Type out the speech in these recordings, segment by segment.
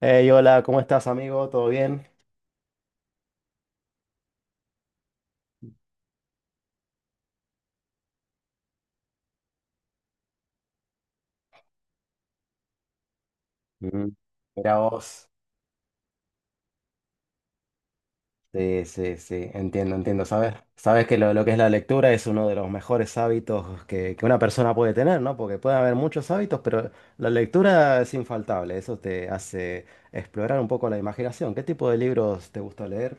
Hey, hola, ¿cómo estás, amigo? ¿Todo bien? Mm. Mira vos. Sí, sí, sí, entiendo, entiendo. Sabes que lo que es la lectura es uno de los mejores hábitos que una persona puede tener, ¿no? Porque puede haber muchos hábitos, pero la lectura es infaltable. Eso te hace explorar un poco la imaginación. ¿Qué tipo de libros te gusta leer?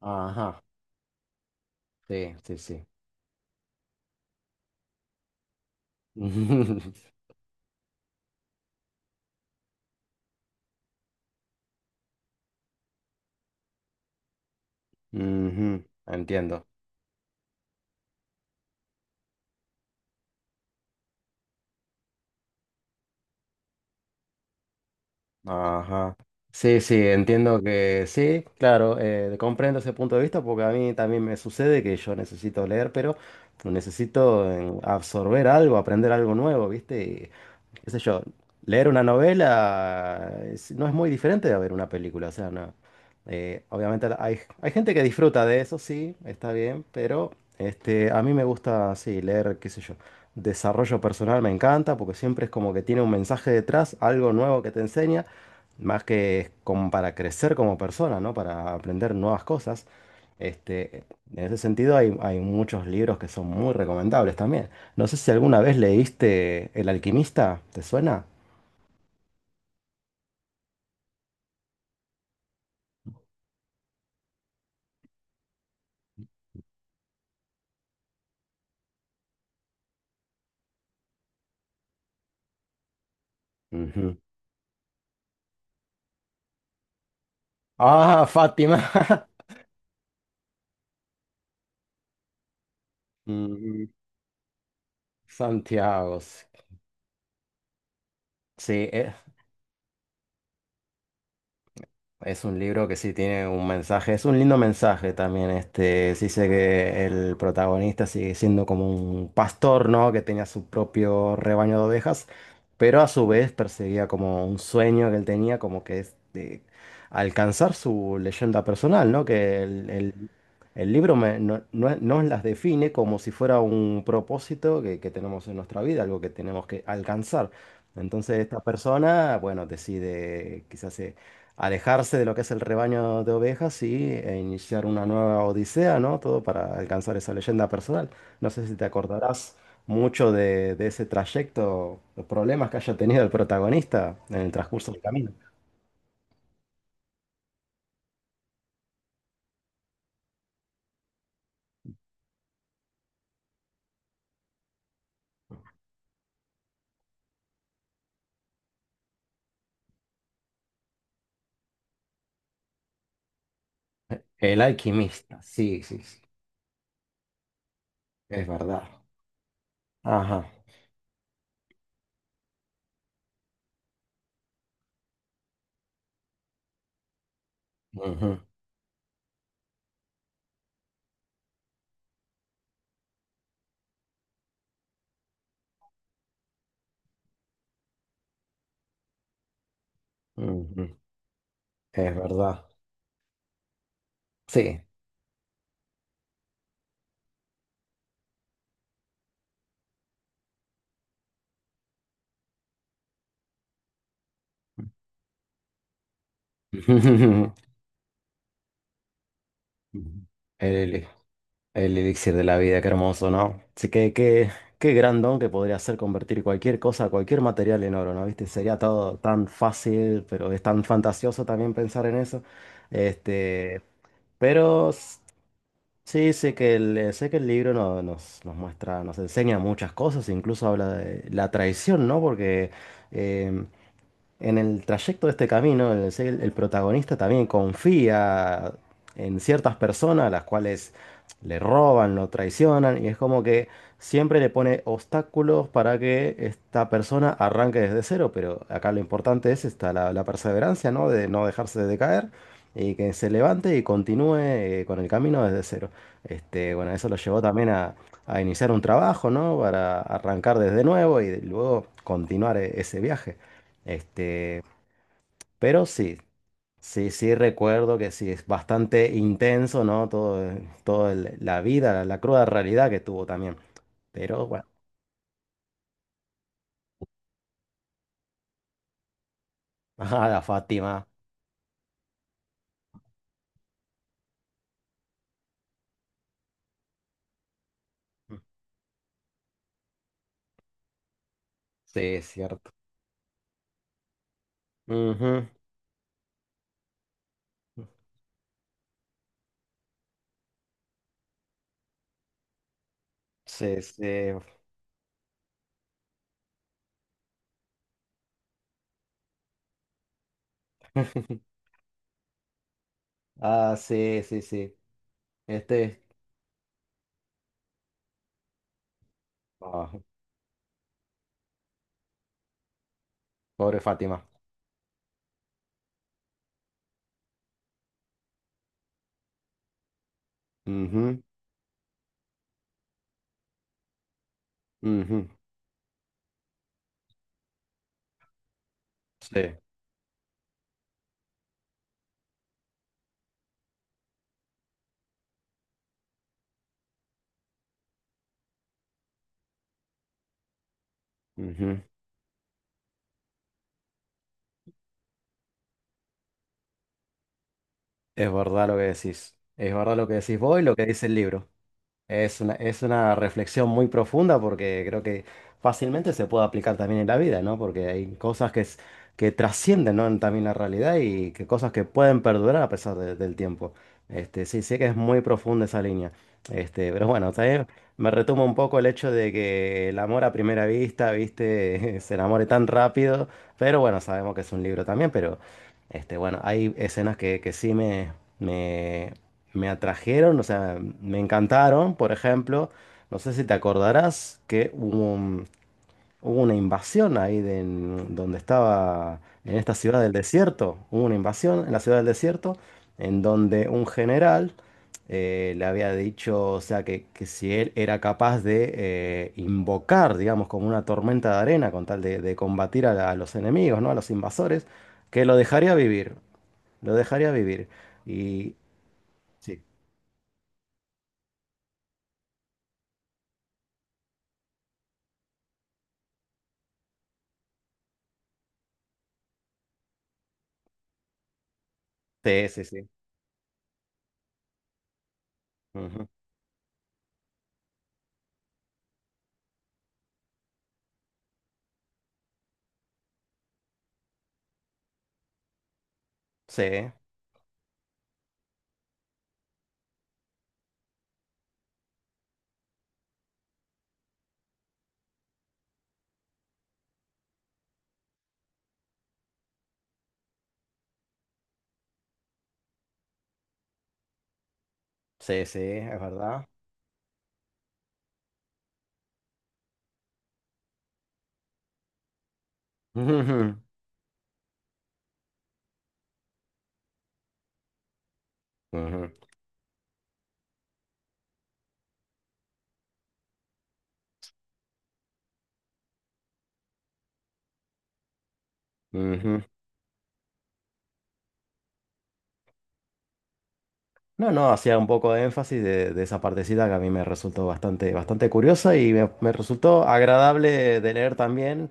Ajá, sí, sí, sí. Ujú, entiendo. Ajá. Sí, sí, entiendo que sí, claro, comprendo ese punto de vista porque a mí también me sucede que yo necesito leer, pero necesito absorber algo, aprender algo nuevo, ¿viste? Y, qué sé yo, leer una novela no es muy diferente de ver una película, o sea, no. Obviamente hay, hay gente que disfruta de eso, sí, está bien, pero este, a mí me gusta, sí, leer, qué sé yo. Desarrollo personal me encanta porque siempre es como que tiene un mensaje detrás, algo nuevo que te enseña. Más que como para crecer como persona, ¿no? Para aprender nuevas cosas. Este, en ese sentido hay, hay muchos libros que son muy recomendables también. ¿No sé si alguna vez leíste El alquimista, te suena? Ujú. Ah, Fátima. Ujú. Santiago. Sí, es un libro que sí tiene un mensaje, es un lindo mensaje también, este, sí sé que el protagonista sigue siendo como un pastor, ¿no? Que tenía su propio rebaño de ovejas, pero a su vez perseguía como un sueño que él tenía, como que es de alcanzar su leyenda personal, ¿no? Que el libro nos, las define como si fuera un propósito que tenemos en nuestra vida, algo que tenemos que alcanzar. Entonces esta persona, bueno, decide quizás alejarse de lo que es el rebaño de ovejas y e iniciar una nueva odisea, ¿no? Todo para alcanzar esa leyenda personal. No sé si te acordarás mucho de ese trayecto, los problemas que haya tenido el protagonista en el transcurso del camino. El alquimista, sí, sí, sí, es verdad. Ajá. Ujú, ujú. Es verdad. Sí. El El elixir de la vida, qué hermoso, ¿no? Sí, qué gran don que podría ser convertir cualquier cosa, cualquier material en oro, ¿no? ¿Viste? Sería todo tan fácil, pero es tan fantasioso también pensar en eso. Este, pero sí, sé que el libro nos, nos muestra, nos enseña muchas cosas, incluso habla de la traición, ¿no? Porque em, en el trayecto de este camino, el protagonista también confía en ciertas personas, las cuales le roban, lo traicionan, y es como que siempre le pone obstáculos para que esta persona arranque desde cero, pero acá lo importante es esta, la perseverancia, ¿no? De no dejarse de caer y que se levante y continúe con el camino desde cero. Este, bueno, eso lo llevó también a iniciar un trabajo, ¿no? Para arrancar desde nuevo y luego continuar ese viaje. Este, pero sí, sí, sí recuerdo que sí, es bastante intenso, ¿no? Todo, la vida, la cruda realidad que tuvo también. Pero bueno, ajá, la Fátima, sí, es cierto. Ujú, sí, sí. Ah, sí, sí, sí. Este, ah, pobre Fátima. Ujú, ujú, sí, ujú. Es verdad lo que decís. Es verdad lo que decís vos y lo que dice el libro. Es una reflexión muy profunda porque creo que fácilmente se puede aplicar también en la vida, ¿no? Porque hay cosas que, que trascienden, ¿no? En también la realidad y que cosas que pueden perdurar a pesar del tiempo. Este, sí, sé que es muy profunda esa línea. Este, pero bueno, también me retoma un poco el hecho de que el amor a primera vista, ¿viste? Se enamore tan rápido. Pero bueno, sabemos que es un libro también, pero este, bueno, hay escenas que sí me, me me atrajeron, o sea, me encantaron, por ejemplo, no sé si te acordarás que hubo, hubo una invasión ahí de, en donde estaba, en esta ciudad del desierto, hubo una invasión en la ciudad del desierto, en donde un general le había dicho, o sea, que si él era capaz de invocar, digamos, como una tormenta de arena con tal de combatir a, a los enemigos, ¿no? A los invasores, que lo dejaría vivir, lo dejaría vivir. Y sí. Sí, sí, sí. Ujú. Sí, sí, sí, es verdad. Ujú, ujú, ujú. No, no, hacía un poco de énfasis de esa partecita que a mí me resultó bastante, bastante curiosa y me resultó agradable de leer también,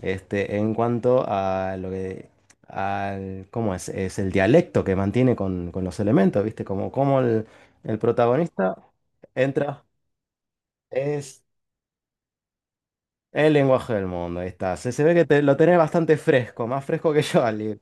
este, en cuanto a lo que, al, ¿cómo es? Es el dialecto que mantiene con los elementos, ¿viste? Como, como el protagonista entra, es el lenguaje del mundo, ahí está. Se ve que lo tenés bastante fresco, más fresco que yo, Ali.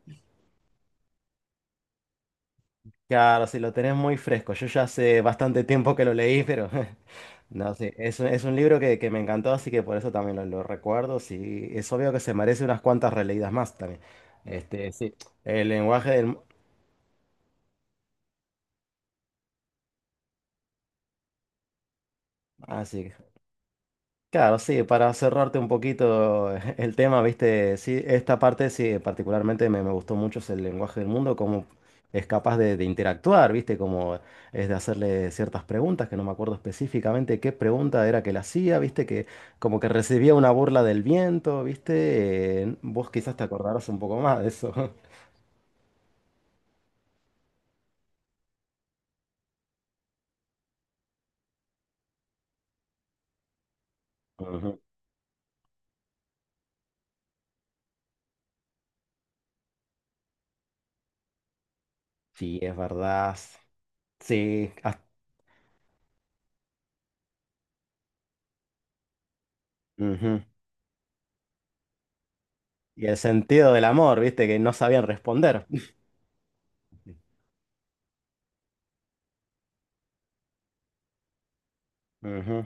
Claro, si lo tenés muy fresco. Yo ya hace bastante tiempo que lo leí, pero no, sí, es, es un libro que me encantó, así que por eso también lo recuerdo. Sí, es obvio que se merece unas cuantas releídas más también. Este, sí, el lenguaje del... Así. Claro, sí, para cerrarte un poquito el tema, viste, sí, esta parte sí, particularmente me, me gustó mucho es el lenguaje del mundo, cómo es capaz de interactuar, viste, cómo es de hacerle ciertas preguntas, que no me acuerdo específicamente qué pregunta era que le hacía, viste, que como que recibía una burla del viento, viste, vos quizás te acordarás un poco más de eso. Ujú. Sí, es verdad. Sí, ujú. Y el sentido del amor, viste, que no sabían responder. Ujú,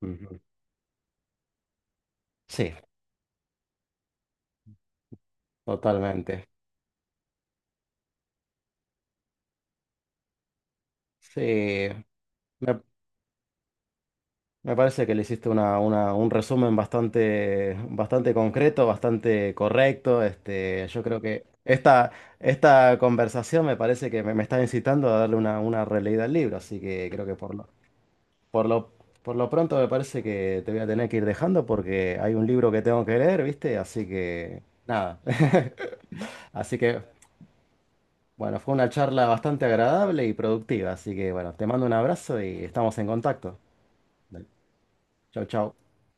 ujú. Sí. Totalmente. Sí, me, me parece que le hiciste una, un resumen bastante, bastante concreto, bastante correcto. Este, yo creo que esta conversación me parece que me está incitando a darle una releída al libro, así que creo que por lo, por lo pronto me parece que te voy a tener que ir dejando porque hay un libro que tengo que leer, ¿viste? Así que nada. Así que bueno, fue una charla bastante agradable y productiva, así que bueno, te mando un abrazo y estamos en contacto. Chao, chao.